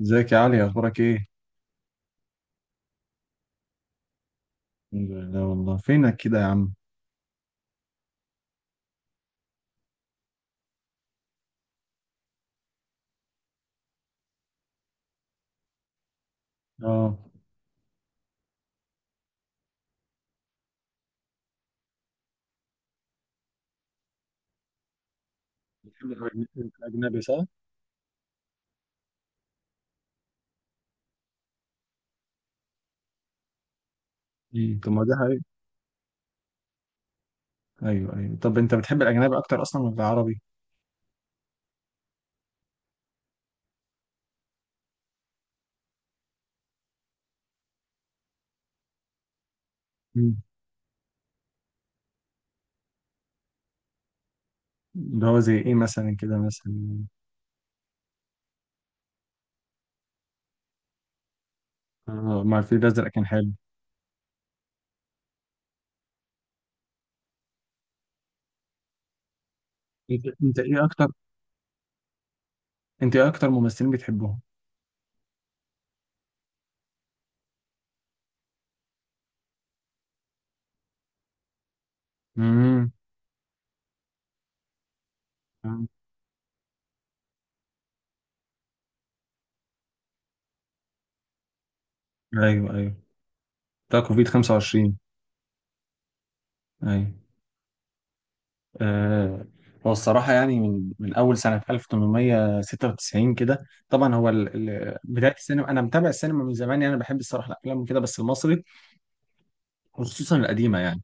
ازيك يا علي، اخبارك ايه؟ الحمد لله. والله فينك كده يا عم؟ اه. بتحب الأجنبي صح؟ إيه. طب ما دي حقيقة. ايوه ايوه. طب انت بتحب الاجنبي اكتر اصلا ولا العربي؟ مم. اللي هو زي ايه مثلا كده مثلا؟ آه، مع الفيل الازرق كان حلو. أنت إيه أكتر؟ انت ايه اكتر ممثلين بتحبهم؟ امم آه، ايوه ايوه. بتاع كوفيد 25. ايوه. آه. هو الصراحة يعني من أول سنة 1896 كده، طبعا هو بداية السينما. أنا متابع السينما من زمان يعني، أنا بحب الصراحة الأفلام وكده، بس المصري، خصوصا القديمة يعني،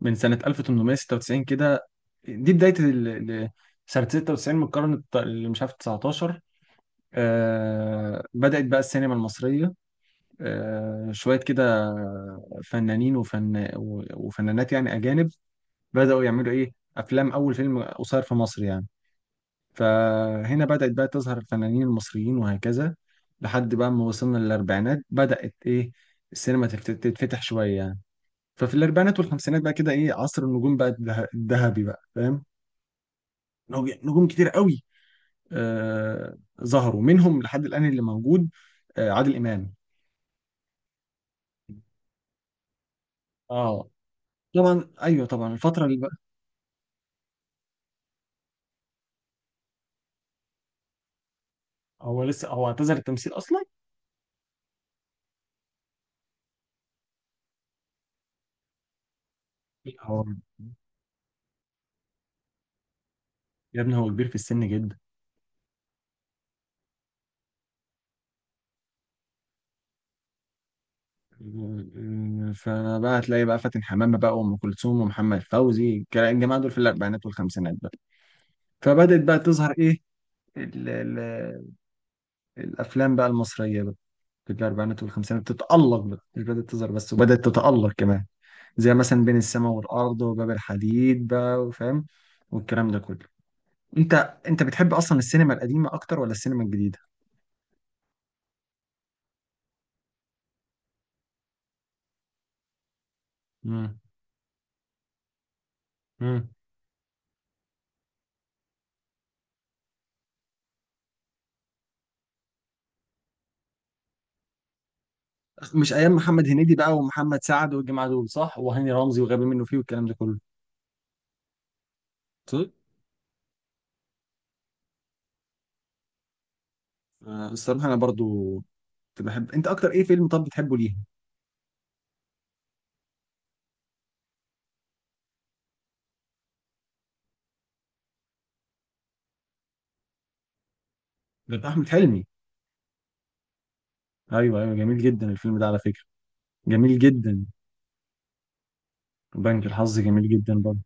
من سنة 1896 كده. دي بداية سنة 96 من القرن اللي مش عارف 19. آه، بدأت بقى السينما المصرية. آه، شوية كده فنانين وفن وفنانات يعني أجانب بدأوا يعملوا إيه أفلام. أول فيلم قصير في مصر يعني، فهنا بدأت بقى تظهر الفنانين المصريين وهكذا. لحد بقى ما وصلنا للأربعينات بدأت إيه السينما تتفتح شوية يعني. ففي الأربعينات والخمسينات بقى كده إيه، عصر النجوم بقى الذهبي بقى، فاهم؟ نجوم كتير قوي آه ظهروا منهم لحد الآن اللي موجود، آه عادل إمام. اه، طبعا ايوه طبعا الفترة اللي بقى. هو لسه، هو اعتزل التمثيل أصلا؟ هو يا ابني هو كبير في السن جدا. فبقى هتلاقي بقى فاتن حمامة بقى وأم كلثوم ومحمد فوزي الجماعة دول في الأربعينات والخمسينات بقى. فبدأت بقى تظهر إيه ال الأفلام بقى المصرية بقى في الأربعينات والخمسينات تتألق بقى، مش بدأت تظهر بس وبدأت تتألق كمان، زي مثلا بين السماء والأرض وباب الحديد بقى، وفاهم، والكلام ده كله. أنت أنت بتحب أصلا السينما القديمة أكتر ولا السينما الجديدة؟ مم. مم. مش أيام محمد هنيدي بقى ومحمد سعد والجماعة دول صح؟ وهاني رمزي وغبي منه فيه والكلام ده كله، صح؟ آه، الصراحة أنا برضو كنت بحب. أنت أكتر إيه فيلم طب بتحبه ليه؟ غير أحمد حلمي. أيوه أيوه، جميل جدا الفيلم ده على فكرة. جميل جدا. وبنك الحظ جميل جدا برضه.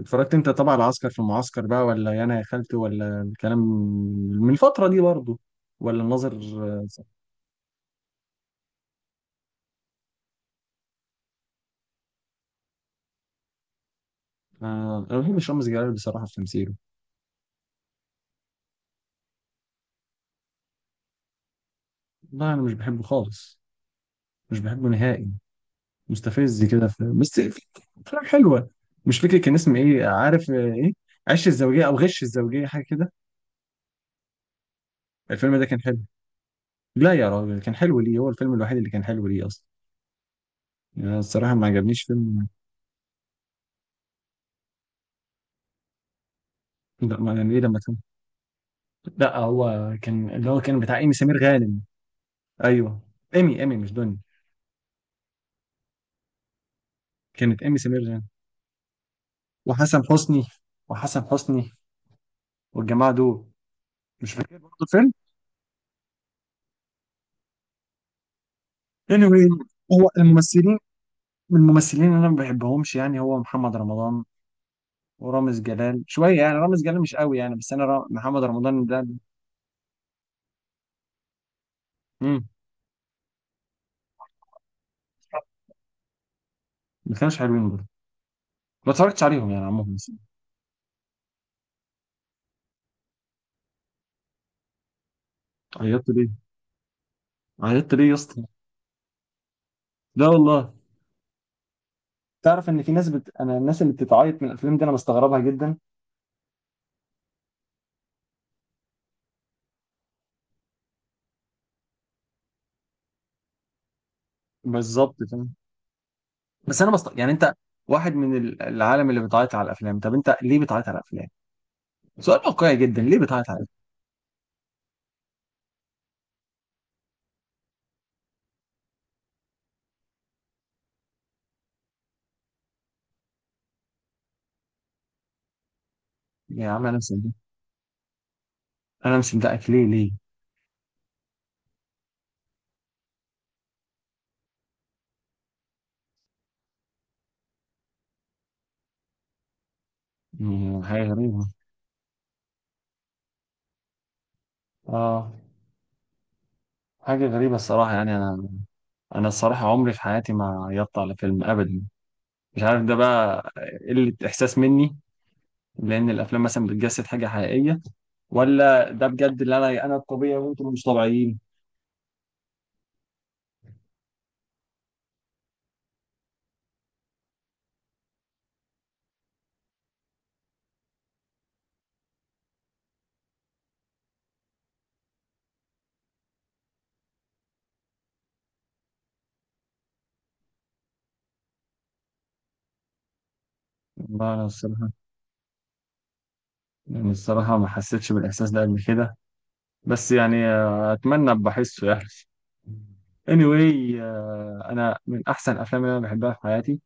اتفرجت أنت طبعا على عسكر في المعسكر بقى ولا يانا يا خالتي ولا الكلام، من الفترة دي برضه، ولا الناظر؟ آه. آه، أنا ما بحبش رامز جلال بصراحة في تمثيله. لا أنا مش بحبه خالص، مش بحبه نهائي. مستفز كده في، بس في أفلام حلوة. مش فاكر كان اسمه إيه، عارف آه إيه، عش الزوجية أو غش الزوجية حاجة كده. الفيلم ده كان حلو. لا يا راجل كان حلو. ليه هو الفيلم الوحيد اللي كان حلو ليه اصلا. يعني أنا الصراحه ما عجبنيش فيلم. لا، ما يعني ايه لما كان، لا هو كان اللي هو كان بتاع ايمي سمير غانم. ايوه، ايمي ايمي مش دنيا. كانت ايمي سمير غانم وحسن حسني وحسن حسني والجماعه دول. مش فاكر برضه الفيلم. Anyway. هو الممثلين، من الممثلين اللي انا ما بحبهمش يعني هو محمد رمضان ورامز جلال شويه يعني، رامز جلال مش قوي يعني، بس انا محمد رمضان ده. مم. ما كانوش حلوين برضه، ما اتفرجتش عليهم يعني عموما. عيطت ليه؟ عيطت ليه يا اسطى؟ لا والله. تعرف ان في ناس انا الناس اللي بتتعيط من الافلام دي انا بستغربها جدا. بالظبط فاهم. بس انا يعني انت واحد من العالم اللي بتعيط على الافلام. طب انت ليه بتعيط على الافلام؟ سؤال واقعي جدا، ليه بتعيط على الافلام؟ يا عم انا مصدق، انا مش مصدقك، ليه ليه؟ حاجه غريبه. اه، حاجه غريبه الصراحه يعني. انا، انا الصراحه عمري في حياتي ما عيطت على فيلم ابدا. مش عارف ده بقى قله احساس مني، لان الافلام مثلا بتجسد حاجه حقيقيه، ولا ده بجد اللي انا، انا الطبيعي وانتم مش طبيعيين؟ والله انا الصراحه، يعني الصراحه ما حسيتش بالاحساس ده قبل كده، بس يعني آه، اتمنى بحسه يعني. Anyway. آه، انا من احسن الافلام اللي انا بحبها في حياتي،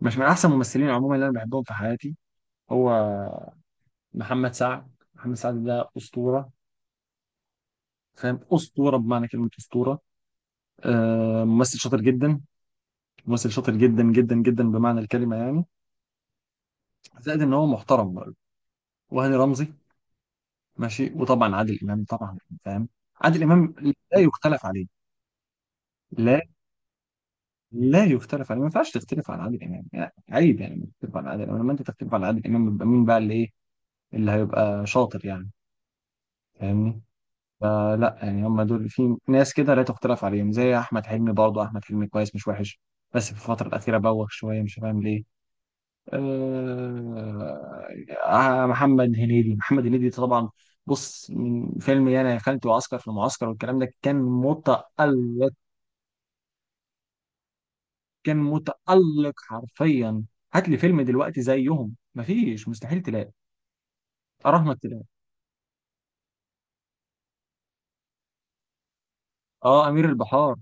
مش من احسن الممثلين عموما اللي انا بحبهم في حياتي، هو محمد سعد. محمد سعد ده اسطوره، فاهم؟ اسطوره بمعنى كلمه اسطوره. آه، ممثل شاطر جدا، ممثل شاطر جدا جدا جدا بمعنى الكلمه يعني. زائد ان هو محترم برضه. وهاني رمزي ماشي. وطبعا عادل امام طبعا، فاهم؟ عادل امام لا يختلف عليه. لا، لا يختلف عليه، ما ينفعش تختلف على عادل امام يعني، عيب يعني إنك تختلف على عادل امام. لما انت تختلف على عادل امام يبقى مين بقى اللي ايه، اللي هيبقى شاطر يعني، فاهمني؟ فلا يعني هم دول، في ناس كده لا تختلف عليهم، زي احمد حلمي برضه، احمد حلمي كويس مش وحش، بس في الفتره الاخيره بوخ شويه مش فاهم ليه. آه، آه، محمد هنيدي، محمد هنيدي طبعا، بص من فيلم يانا يا خالتي وعسكر في المعسكر والكلام ده كان متألق، كان متألق حرفيا. هات لي فيلم دلوقتي زيهم، مفيش، مستحيل تلاقي، اراهنك تلاقي. اه، امير البحار،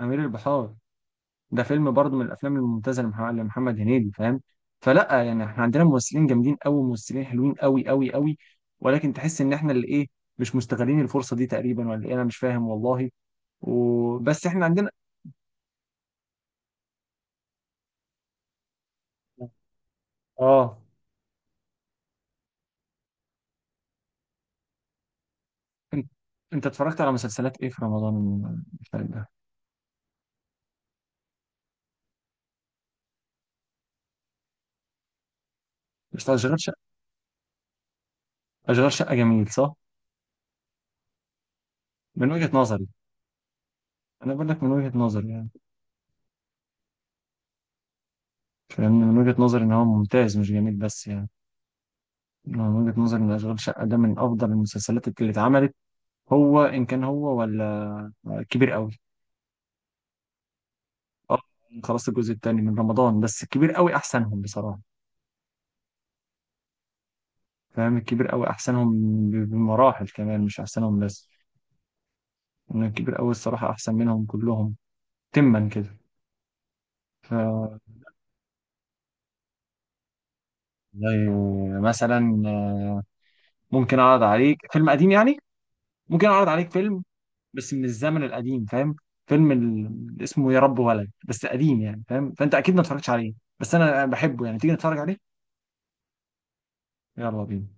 امير البحار ده فيلم برضه من الافلام الممتازه لمحمد هنيدي، فاهم؟ فلا يعني احنا عندنا ممثلين جامدين قوي، ممثلين حلوين قوي قوي قوي، ولكن تحس ان احنا اللي ايه مش مستغلين الفرصه دي تقريبا، ولا ايه؟ انا مش فاهم والله. وبس احنا عندنا. اه. انت انت اتفرجت على مسلسلات ايه في رمضان اللي فات ده؟ مش اشغال شقه، اشغال شقه جميل صح؟ من وجهة نظري، انا بقول لك من وجهة نظري يعني، فاهم، من وجهة نظري ان هو ممتاز مش جميل بس يعني. أنا من وجهة نظري ان اشغال شقه ده من افضل المسلسلات اللي اتعملت، هو ان كان هو ولا كبير قوي. اه، خلاص الجزء الثاني من رمضان، بس كبير قوي احسنهم بصراحه. فاهم؟ الكبير قوي احسنهم، بمراحل كمان، مش احسنهم بس، ان الكبير قوي الصراحه احسن منهم كلهم. تما كده. ف- زي مثلا، ممكن اعرض عليك فيلم قديم يعني، ممكن اعرض عليك فيلم بس من الزمن القديم، فاهم؟ فيلم اسمه يا رب ولد، بس قديم يعني فاهم، فانت اكيد ما اتفرجتش عليه، بس انا بحبه يعني، تيجي نتفرج عليه؟ يلا بينا.